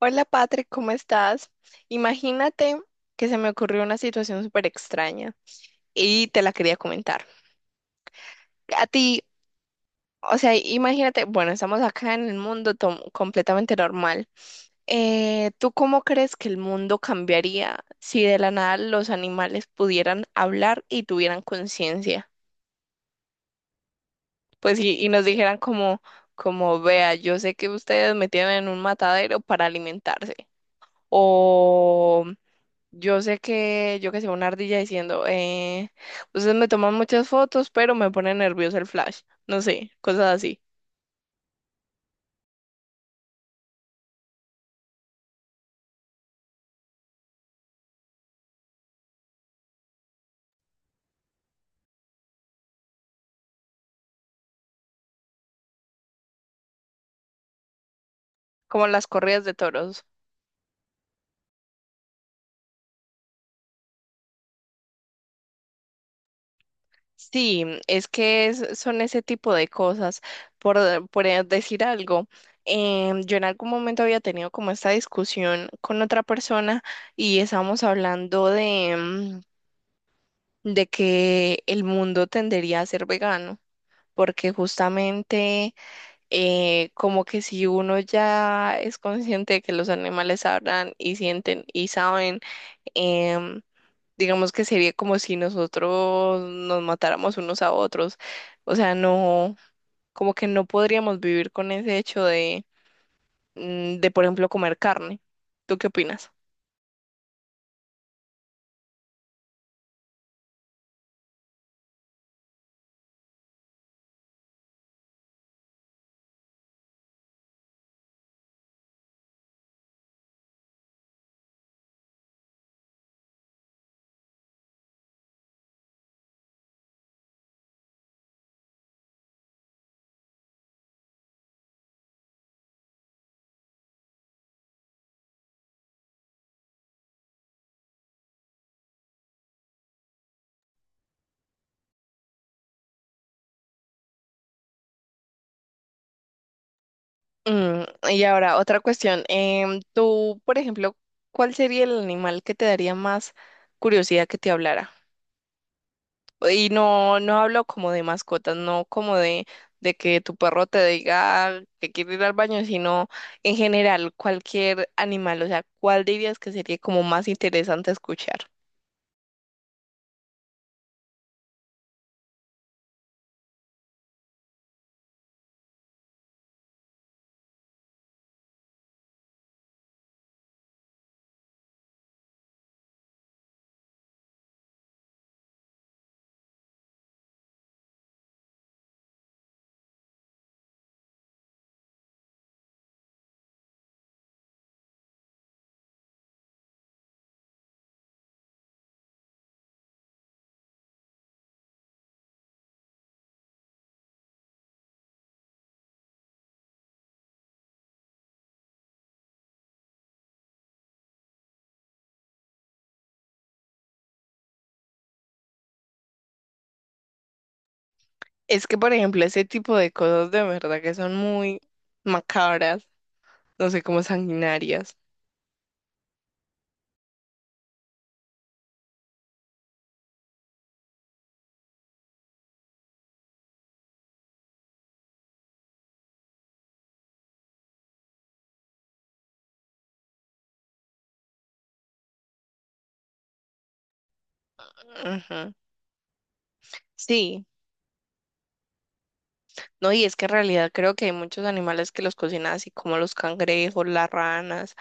Hola Patrick, ¿cómo estás? Imagínate que se me ocurrió una situación súper extraña y te la quería comentar. A ti, o sea, imagínate, bueno, estamos acá en el mundo completamente normal. ¿Tú cómo crees que el mundo cambiaría si de la nada los animales pudieran hablar y tuvieran conciencia? Pues y nos dijeran como, como, vea, yo sé que ustedes me tienen en un matadero para alimentarse. O yo sé que, yo que sé, una ardilla diciendo, ustedes me toman muchas fotos, pero me pone nervioso el flash. No sé, cosas así, como las corridas de toros. Sí, es que son ese tipo de cosas. Por, por decir algo, yo en algún momento había tenido como esta discusión con otra persona y estábamos hablando de, de que el mundo tendería a ser vegano, porque justamente como que si uno ya es consciente de que los animales hablan y sienten y saben, em, digamos que sería como si nosotros nos matáramos unos a otros. O sea, no, como que no podríamos vivir con ese hecho de, de, por ejemplo, comer carne. ¿Tú qué opinas? Mm, y ahora, otra cuestión. Tú, por ejemplo, ¿cuál sería el animal que te daría más curiosidad que te hablara? Y no, no hablo como de mascotas, no como de que tu perro te diga que quiere ir al baño, sino en general cualquier animal, o sea, ¿cuál dirías que sería como más interesante escuchar? Es que, por ejemplo, ese tipo de cosas de verdad que son muy macabras, no sé, como sanguinarias. Ujú. Sí, no, y es que en realidad creo que hay muchos animales que los cocinan así como los cangrejos, las ranas.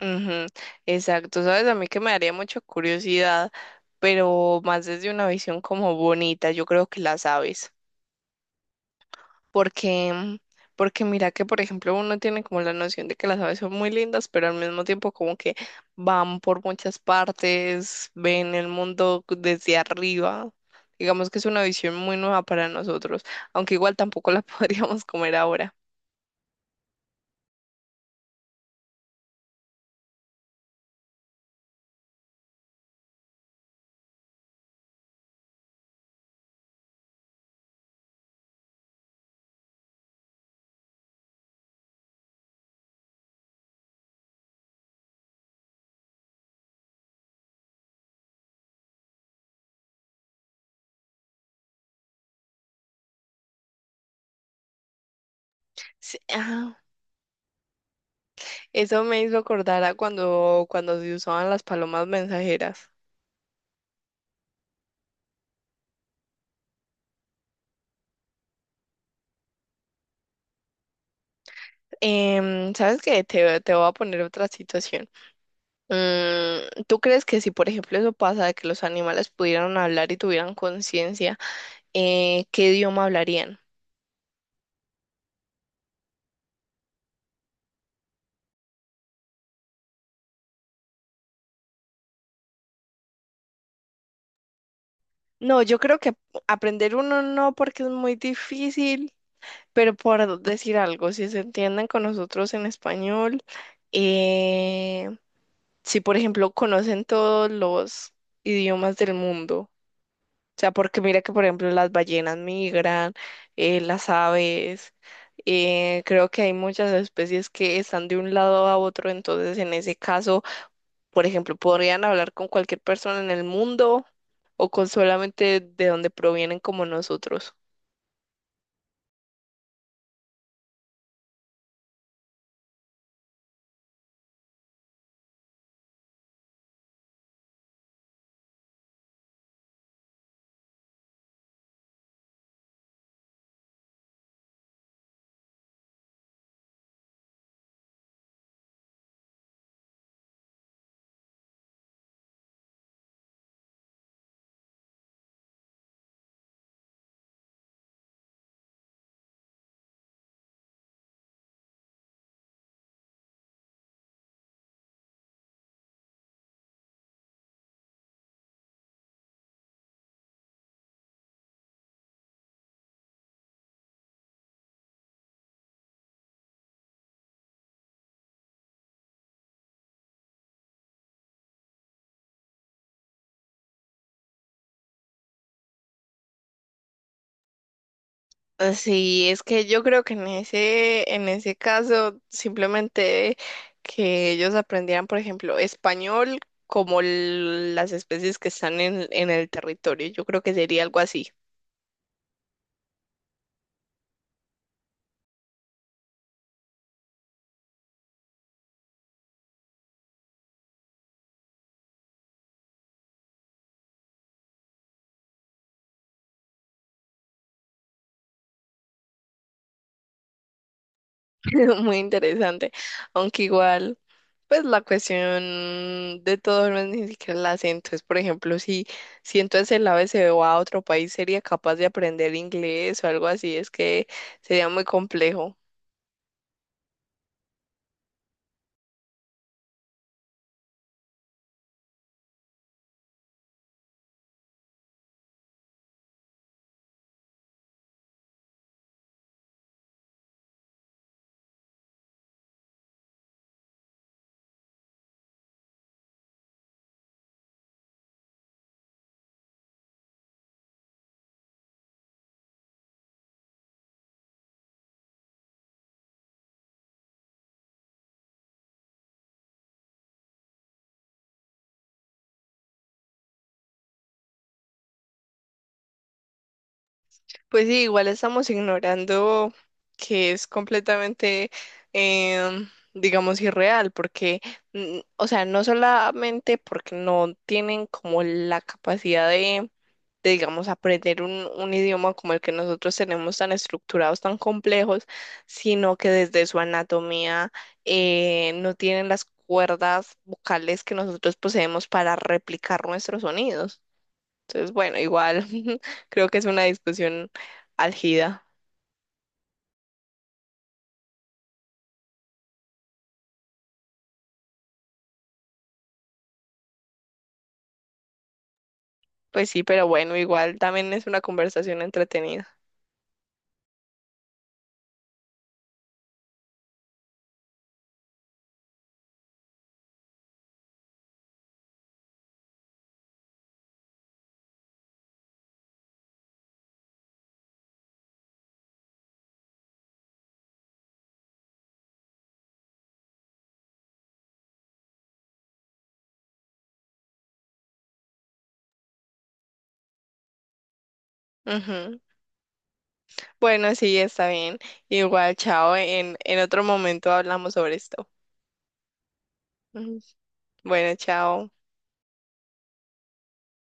Ujú, exacto, sabes, a mí que me daría mucha curiosidad, pero más desde una visión como bonita, yo creo que las aves, porque, mm, porque mira que, por ejemplo, uno tiene como la noción de que las aves son muy lindas, pero al mismo tiempo como que van por muchas partes, ven el mundo desde arriba, digamos que es una visión muy nueva para nosotros, aunque igual tampoco la podríamos comer ahora. Sí, ah, eso me hizo acordar a cuando, cuando se usaban las palomas mensajeras. ¿Sabes qué? Te voy a poner otra situación. Mm, ¿tú crees que si, por ejemplo, eso pasa de que los animales pudieran hablar y tuvieran conciencia, qué idioma hablarían? No, yo creo que aprender uno no porque es muy difícil, pero por decir algo, si se entienden con nosotros en español, eh, si, por ejemplo, conocen todos los idiomas del mundo. O sea, porque mira que, por ejemplo, las ballenas migran, las aves, creo que hay muchas especies que están de un lado a otro, entonces en ese caso, por ejemplo, podrían hablar con cualquier persona en el mundo o con solamente de donde provienen como nosotros. Sí, es que yo creo que en ese caso, simplemente que ellos aprendieran, por ejemplo, español como las especies que están en el territorio, yo creo que sería algo así. Muy interesante, aunque igual, pues la cuestión de todo no es ni siquiera el acento, es por ejemplo, si, si entonces el ave se va a otro país, sería capaz de aprender inglés o algo así, es que sería muy complejo. Pues sí, igual estamos ignorando que es completamente, em, digamos, irreal, porque, mm, o sea, no solamente porque no tienen como la capacidad de, digamos, aprender un idioma como el que nosotros tenemos tan estructurados, tan complejos, sino que desde su anatomía no tienen las cuerdas vocales que nosotros poseemos para replicar nuestros sonidos. Entonces, bueno, igual creo que es una discusión álgida. Pues sí, pero bueno, igual también es una conversación entretenida. Ujú. Bueno, sí, está bien. Igual, chao. En otro momento hablamos sobre esto. Ujú. Bueno, chao.